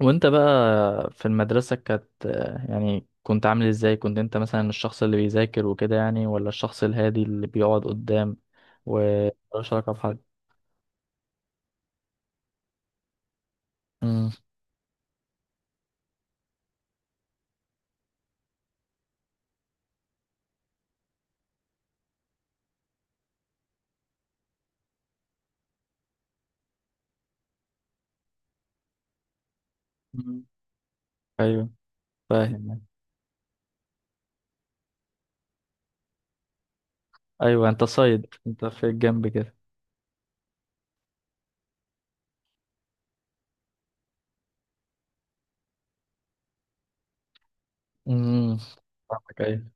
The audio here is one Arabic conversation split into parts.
وانت بقى في المدرسة يعني كنت عامل ازاي؟ كنت انت مثلا الشخص اللي بيذاكر وكده يعني، ولا الشخص الهادي اللي بيقعد قدام وملوش علاقة بحد؟ امم مم. ايوه، فاهم يعني. ايوه، انت صيد انت في الجنب كده. امم فاهمك، ايوه.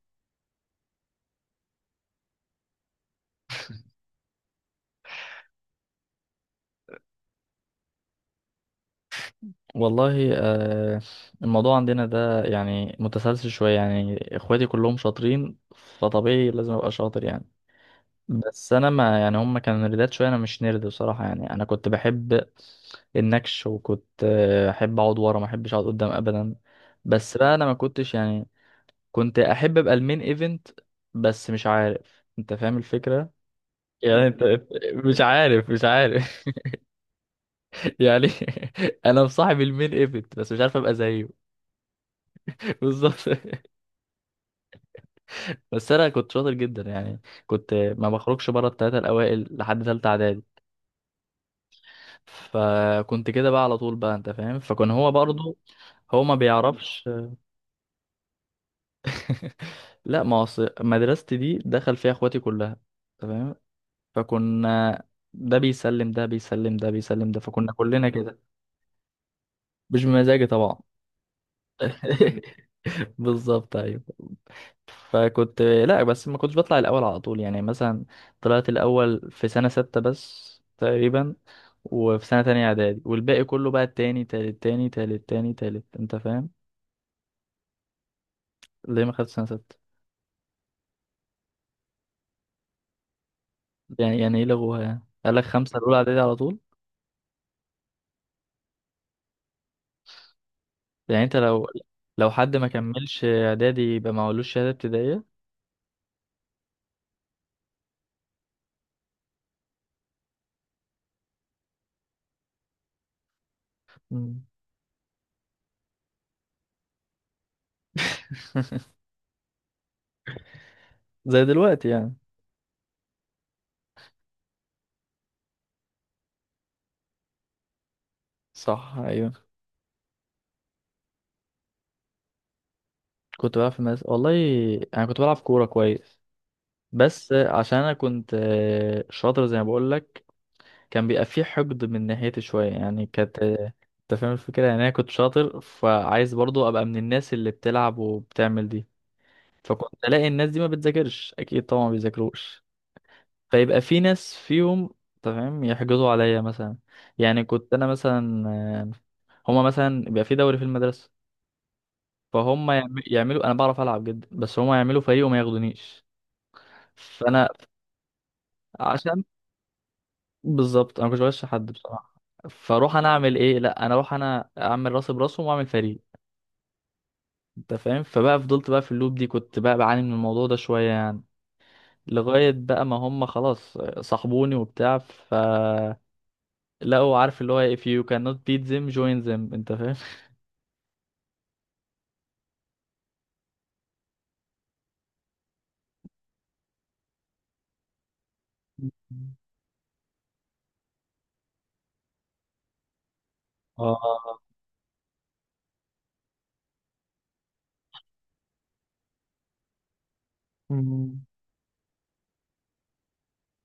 والله الموضوع عندنا ده يعني متسلسل شوية، يعني اخواتي كلهم شاطرين، فطبيعي لازم ابقى شاطر يعني. بس انا ما يعني هم كانوا نردات شويه، انا مش نرد بصراحه، يعني انا كنت بحب النكش، وكنت احب اقعد ورا، ما احبش اقعد قدام ابدا. بس بقى انا ما كنتش يعني كنت احب ابقى المين ايفنت، بس مش عارف انت فاهم الفكره يعني انت مش عارف. يعني انا مصاحب المين ايفنت بس مش عارف ابقى زيه. بالظبط. بس انا كنت شاطر جدا يعني، كنت ما بخرجش بره الثلاثه الاوائل لحد ثالثه اعدادي. فكنت كده بقى على طول، بقى انت فاهم، فكان هو برضه هو ما بيعرفش. لا، ما أصل مدرستي دي دخل فيها اخواتي كلها، تمام. فكنا ده بيسلم ده، فكنا كلنا كده. مش بمزاجي طبعا. بالظبط ايوه. فكنت لا بس ما كنتش بطلع الاول على طول، يعني مثلا طلعت الاول في سنه سته بس تقريبا، وفي سنه تانية اعدادي، والباقي كله بقى التاني تالت تاني تالت تاني تالت انت فاهم. ليه ما خدتش سنة ستة؟ يعني يعني ايه لغوها؟ يعني قال لك خمسة الأولى إعدادي على طول؟ يعني أنت لو لو حد ما كملش إعدادي يبقى معهولوش شهادة ابتدائية؟ مم. زي دلوقتي يعني. صح، أيوة. كنت بلعب في مدرسة والله. أنا كنت بلعب كورة كويس، بس عشان أنا كنت شاطر زي ما بقول لك، كان بيبقى فيه حقد من ناحيتي شوية، يعني كانت أنت فاهم الفكرة، يعني أنا كنت شاطر فعايز برضو أبقى من الناس اللي بتلعب وبتعمل دي. فكنت ألاقي الناس دي ما بتذاكرش، أكيد طبعا ما بيذاكروش، فيبقى في ناس فيهم تمام يحجزوا عليا مثلا. يعني كنت انا مثلا هما مثلا بيبقى في دوري في المدرسه، فهم يعملوا، انا بعرف العب جدا بس هما يعملوا فريق وما ياخدونيش. فانا عشان، بالظبط انا مش بغش حد بصراحه. فاروح انا اعمل ايه؟ لا، انا اروح انا اعمل راسي براسهم واعمل فريق. انت فاهم، فبقى فضلت بقى في اللوب دي، كنت بقى بعاني من الموضوع ده شويه يعني، لغايه بقى ما هم خلاص صاحبوني وبتاع. لا هو عارف اللي هو if you cannot beat them join them، انت فاهم. اه. مم.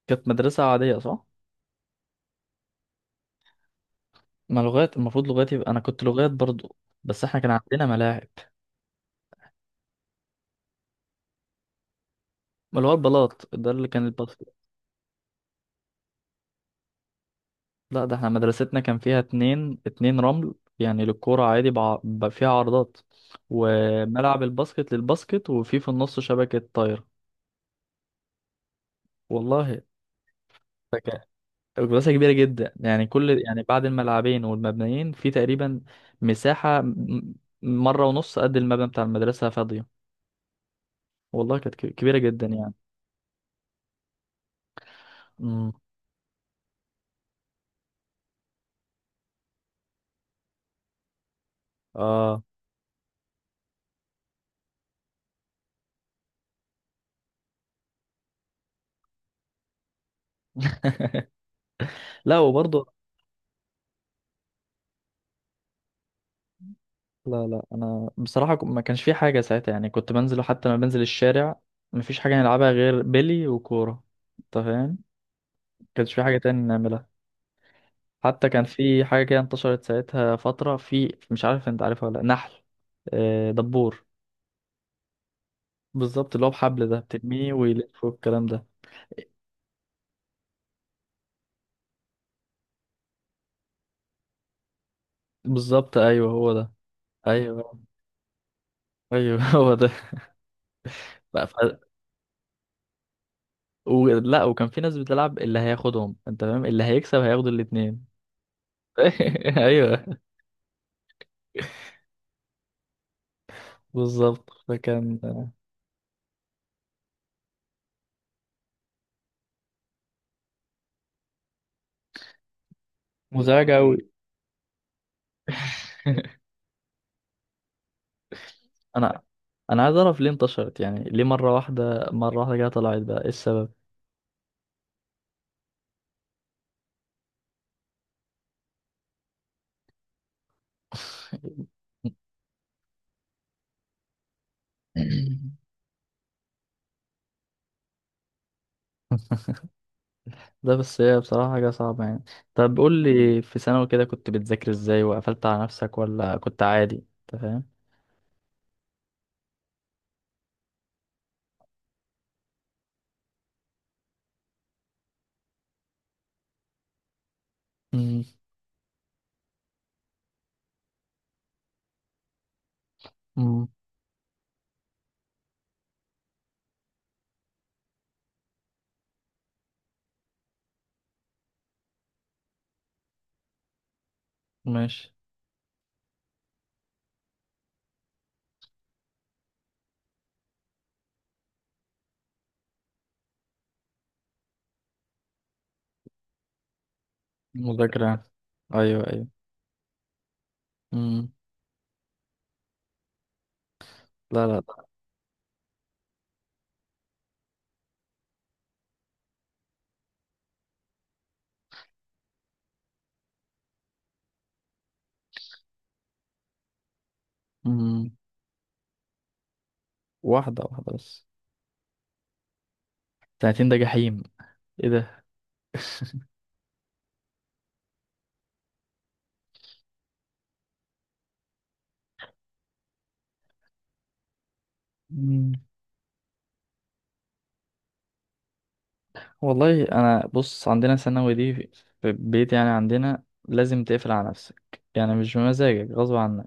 كانت مدرسة عادية، صح؟ ما لغات، المفروض لغات، يبقى أنا كنت لغات برضو. بس احنا كان عندنا ملاعب. ما اللي هو البلاط ده اللي كان الباسكت؟ لا ده احنا مدرستنا كان فيها اتنين، اتنين رمل يعني للكورة عادي فيها عرضات، وملعب الباسكت للباسكت، وفي في النص شبكة طايرة. والله مساحة كبيرة جدا يعني، كل يعني بعد الملعبين والمبنيين في تقريبا مساحة مرة ونص قد المبنى بتاع المدرسة فاضية. والله كانت كبيرة جدا يعني. امم اه. لا وبرضه. لا لا انا بصراحة ما كانش في حاجة ساعتها يعني، كنت بنزل، حتى لما بنزل الشارع ما فيش حاجة نلعبها غير بيلي وكورة انت فاهم. ما كانش في حاجة تاني نعملها. حتى كان في حاجة كده انتشرت ساعتها فترة، في مش عارف انت عارفها ولا لأ، نحل. دبور. بالظبط، اللي هو بحبل ده بترميه ويلف والكلام ده. بالظبط ايوه هو ده. ايوه ايوه هو ده. ف... ف... لا، وكان في ناس بتلعب اللي هياخدهم انت فاهم، اللي هيكسب هياخد الاتنين. ايوه بالظبط. فكان مزعج قوي. انا انا عايز اعرف ليه انتشرت؟ يعني ليه مره واحده، مره واحده كده طلعت بقى؟ ايه السبب؟ ده بس هي بصراحة حاجة صعبة يعني. طب قول لي، في ثانوي كده كنت بتذاكر ازاي؟ وقفلت على نفسك ولا كنت عادي؟ انت فاهم؟ امم أمم، ماشي. مذاكرة يعني. ايوه ايوه. امم لا لا لا. امم واحدة واحدة بس. سنتين ده جحيم! ايه ده! مم. والله انا بص، عندنا ثانوي دي في في البيت يعني عندنا لازم تقفل على نفسك، يعني مش بمزاجك، غصب عن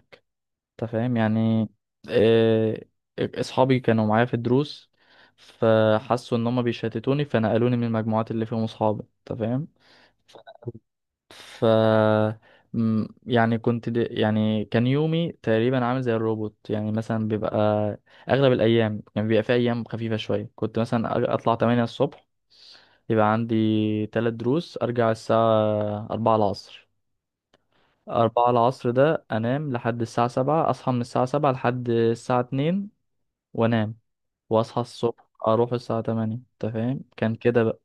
انت فاهم يعني. آه، اصحابي كانوا معايا في الدروس فحسوا ان هم بيشتتوني، فنقلوني من المجموعات اللي فيهم اصحابي انت فاهم. ف يعني كنت يعني كان يومي تقريبا عامل زي الروبوت، يعني مثلا بيبقى اغلب الايام، يعني بيبقى في ايام خفيفه شويه، كنت مثلا اطلع 8 الصبح، يبقى عندي 3 دروس، ارجع الساعه 4 العصر، 4 العصر ده انام لحد الساعه 7، اصحى من الساعه 7 لحد الساعه 2 وانام، واصحى الصبح اروح الساعه 8، انت فاهم؟ كان كده بقى.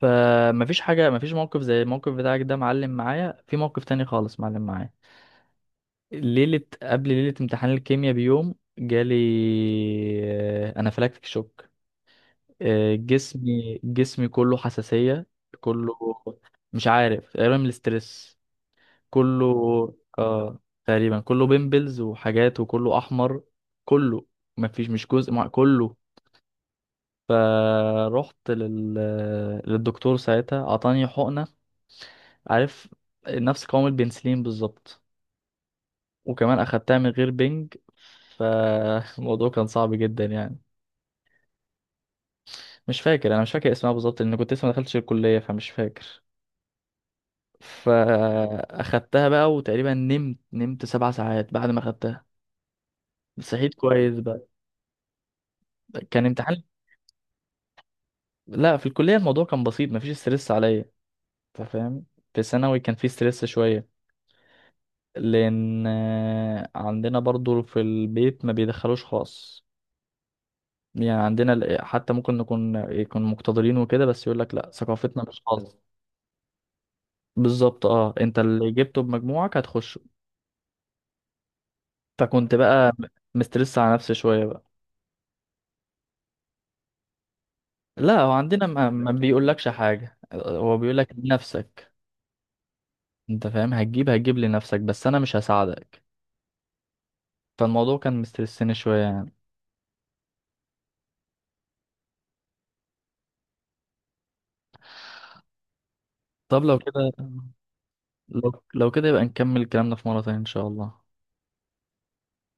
فمفيش حاجه، مفيش موقف زي الموقف بتاعك ده، معلم معايا في موقف تاني خالص معلم معايا. ليله قبل ليله امتحان الكيمياء بيوم جالي انافلاكتيك شوك. جسمي كله حساسيه، كله. مش عارف، تقريبا من الاسترس. كله. اه. تقريبا كله بيمبلز وحاجات، وكله احمر، كله، مفيش، مش جزء، مع كله. فروحت لل... للدكتور ساعتها اعطاني حقنة، عارف، نفس قوام البنسلين بالظبط، وكمان اخدتها من غير بنج. فالموضوع كان صعب جدا يعني. مش فاكر، انا مش فاكر اسمها بالظبط، لان كنت لسه ما دخلتش الكلية فمش فاكر. فاخدتها بقى، وتقريبا نمت، نمت 7 ساعات بعد ما اخدتها، صحيت كويس بقى. كان امتحان. لا في الكلية الموضوع كان بسيط، مفيش ستريس عليا انت فاهم، في ثانوي كان في ستريس شوية، لان عندنا برضو في البيت ما بيدخلوش خاص، يعني عندنا حتى ممكن نكون يكون مقتدرين وكده، بس يقول لك لا، ثقافتنا مش خاص. بالظبط، اه، انت اللي جبته بمجموعك هتخش. فكنت بقى مسترس على نفسي شويه بقى. لا هو عندنا ما، ما بيقولكش حاجه، هو بيقولك لنفسك انت فاهم، هتجيب هتجيب لنفسك بس انا مش هساعدك. فالموضوع كان مسترسني شويه يعني. طب لو كده، لو كده يبقى نكمل كلامنا في مره تانية ان شاء الله.